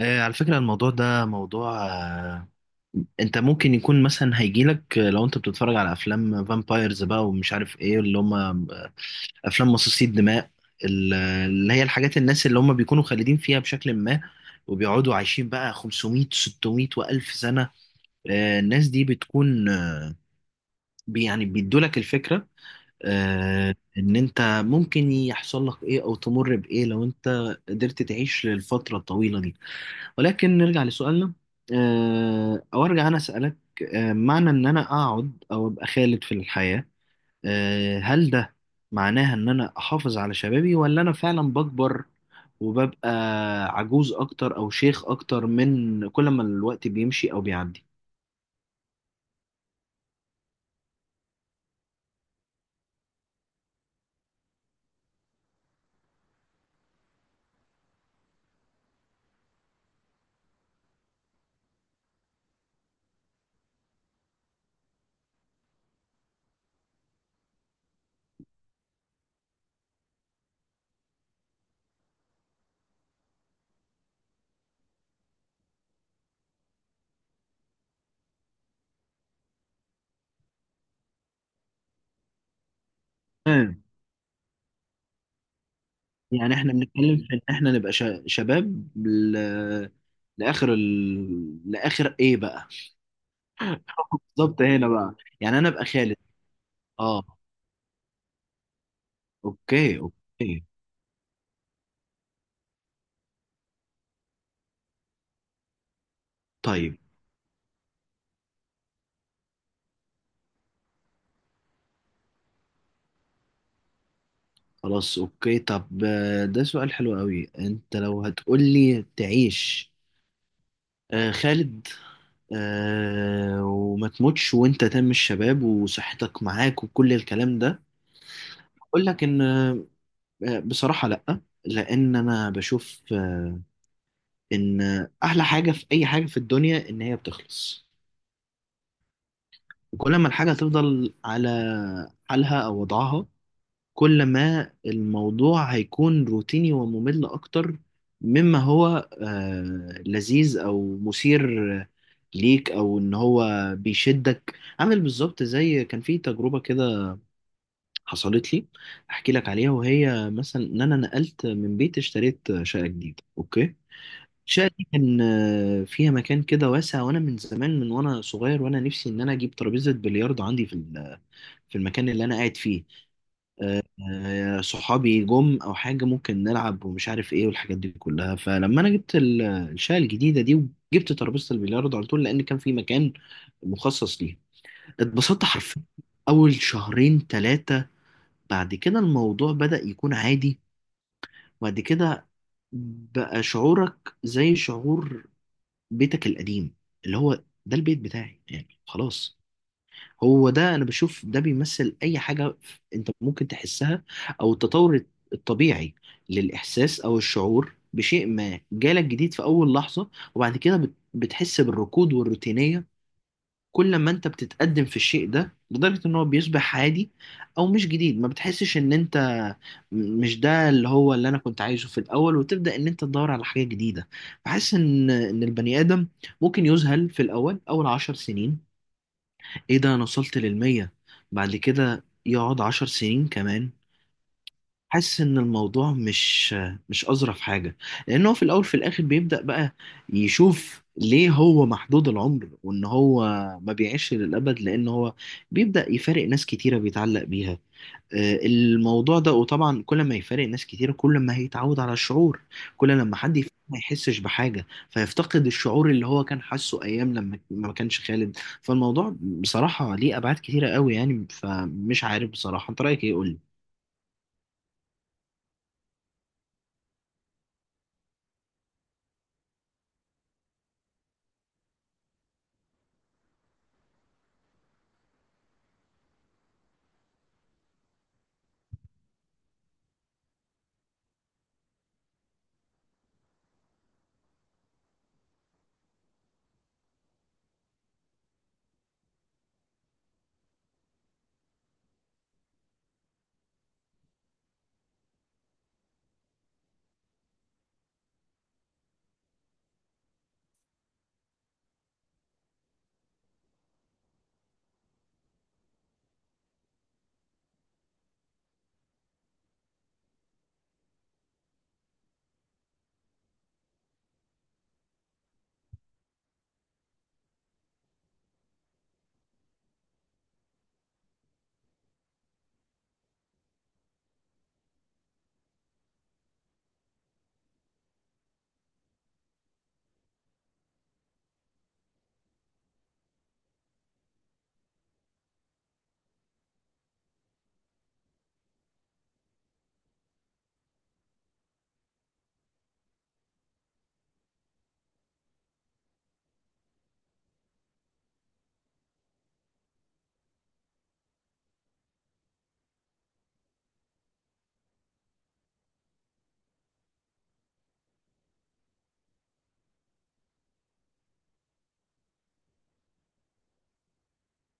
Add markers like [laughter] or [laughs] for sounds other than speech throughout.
على فكرة الموضوع ده موضوع، انت ممكن يكون مثلا هيجيلك، لو انت بتتفرج على افلام فامبايرز بقى ومش عارف ايه اللي هم، افلام مصاصي الدماء، اللي هي الحاجات، الناس اللي هم بيكونوا خالدين فيها بشكل ما وبيقعدوا عايشين بقى 500 600 و1000 سنة. الناس دي بتكون، يعني بيدولك الفكرة، ان انت ممكن يحصل لك ايه او تمر بايه لو انت قدرت تعيش للفترة الطويلة. ولكن نرجع لسؤالنا، أو أرجع أنا أسألك، معنى إن أنا أقعد أو أبقى خالد في الحياة، هل ده معناها إن أنا أحافظ على شبابي ولا أنا فعلا بكبر وببقى عجوز أكتر أو شيخ أكتر من كل ما الوقت بيمشي أو بيعدي؟ تمام. يعني إحنا بنتكلم في إن إحنا نبقى شباب لآخر لآخر إيه بقى؟ [laughs] بالظبط هنا بقى، يعني أنا أبقى خالد. آه، أوكي أوكي. طيب خلاص اوكي. طب، ده سؤال حلو قوي. انت لو هتقولي تعيش، خالد، وما تموتش وانت تم الشباب وصحتك معاك وكل الكلام ده، اقول لك ان، بصراحة لا. لان انا بشوف، ان احلى حاجة في اي حاجة في الدنيا ان هي بتخلص، وكل ما الحاجة تفضل على حالها او وضعها كل ما الموضوع هيكون روتيني وممل أكتر مما هو لذيذ أو مثير ليك، أو إن هو بيشدك. عامل بالظبط زي كان في تجربة كده حصلت لي أحكي لك عليها، وهي مثلا إن أنا نقلت من بيت، اشتريت شقة جديدة. أوكي، الشقة دي كان فيها مكان كده واسع، وأنا من زمان وأنا صغير وأنا نفسي إن أنا أجيب ترابيزة بلياردو عندي في في المكان اللي أنا قاعد فيه. صحابي جم او حاجه ممكن نلعب ومش عارف ايه والحاجات دي كلها. فلما انا جبت الشقه الجديده دي وجبت ترابيزه البلياردو على طول لان كان في مكان مخصص ليها، اتبسطت حرفيا اول شهرين ثلاثه. بعد كده الموضوع بدأ يكون عادي، وبعد كده بقى شعورك زي شعور بيتك القديم، اللي هو ده البيت بتاعي، يعني خلاص. هو ده انا بشوف، ده بيمثل اي حاجه انت ممكن تحسها، او التطور الطبيعي للاحساس او الشعور بشيء ما جالك جديد في اول لحظه وبعد كده بتحس بالركود والروتينيه. كل ما انت بتتقدم في الشيء ده لدرجه ان هو بيصبح عادي او مش جديد، ما بتحسش ان انت مش ده اللي هو اللي انا كنت عايزه في الاول، وتبدا ان انت تدور على حاجه جديده. بحس ان البني ادم ممكن يذهل في الاول، اول 10 سنين. ايه ده، انا وصلت للمية؟ بعد كده يقعد 10 سنين كمان حاسس ان الموضوع مش اظرف حاجة. لانه في الاول في الاخر بيبدأ بقى يشوف ليه هو محدود العمر وان هو ما بيعيش للابد، لان هو بيبدأ يفارق ناس كتيرة بيتعلق بيها. الموضوع ده، وطبعا كل ما يفارق ناس كتير كل ما هيتعود على الشعور. كل لما حد يفارق ما يحسش بحاجة، فيفتقد الشعور اللي هو كان حاسه أيام لما ما كانش خالد. فالموضوع بصراحة ليه أبعاد كتيرة قوي يعني، فمش عارف بصراحة، أنت رأيك إيه؟ قولي.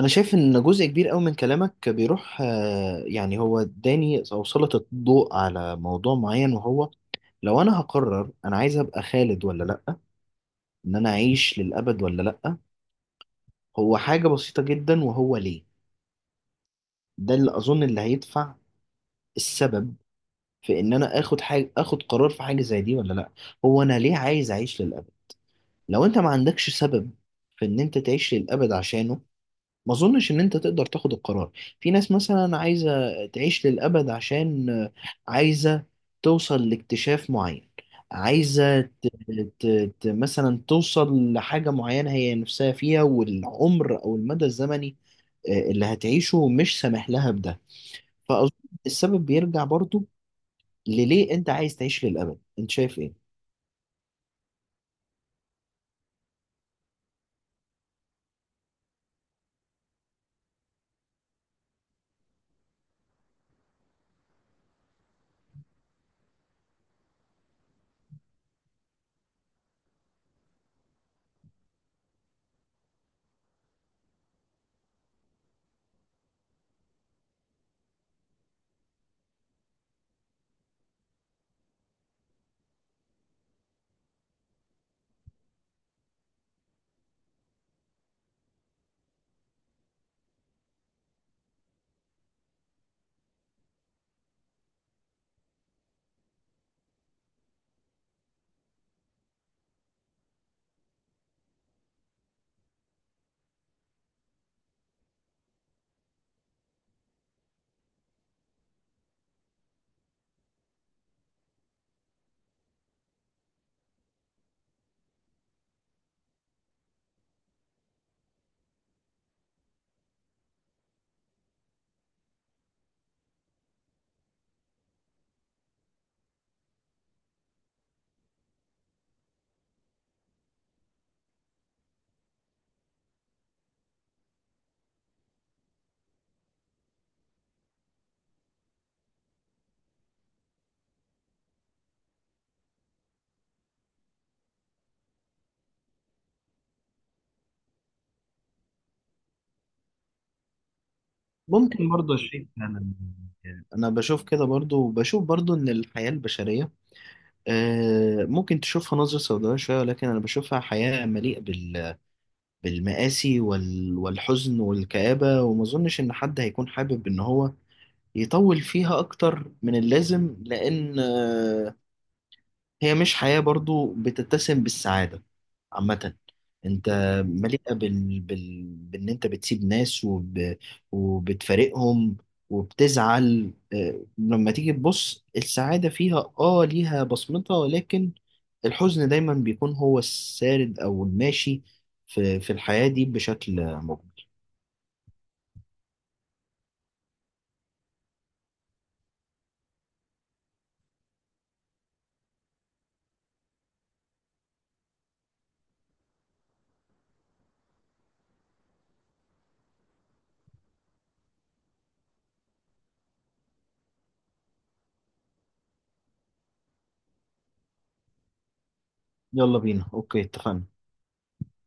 انا شايف ان جزء كبير قوي من كلامك بيروح، يعني هو اداني او سلط الضوء على موضوع معين، وهو لو انا هقرر انا عايز ابقى خالد ولا لا، ان انا اعيش للابد ولا لا، هو حاجة بسيطة جدا. وهو ليه ده اللي اظن اللي هيدفع السبب في ان انا اخد حاجه، اخد قرار في حاجه زي دي ولا لا، هو انا ليه عايز اعيش للابد. لو انت ما عندكش سبب في ان انت تعيش للابد عشانه ما اظنش ان انت تقدر تاخد القرار. في ناس مثلا عايزه تعيش للابد عشان، عايزه توصل لاكتشاف معين. عايزة ت... مثلا توصل لحاجة معينة هي نفسها فيها، والعمر أو المدى الزمني اللي هتعيشه مش سامح لها بده. فأظن السبب بيرجع برضو لليه أنت عايز تعيش للأبد. أنت شايف إيه؟ ممكن برضو الشيء. أنا بشوف كده برضو، وبشوف برضو إن الحياة البشرية، ممكن تشوفها نظرة سوداوية شوية، ولكن أنا بشوفها حياة مليئة بالمآسي والحزن والكآبة. وما أظنش إن حد هيكون حابب إن هو يطول فيها أكتر من اللازم، لأن هي مش حياة برضو بتتسم بالسعادة عامة. انت مليئة بان انت بتسيب ناس وبتفارقهم وبتزعل. لما تيجي تبص السعادة فيها، اه ليها بصمتها، ولكن الحزن دايما بيكون هو السارد او الماشي في الحياة دي بشكل مجمل. يلا بينا، اوكي اتفقنا.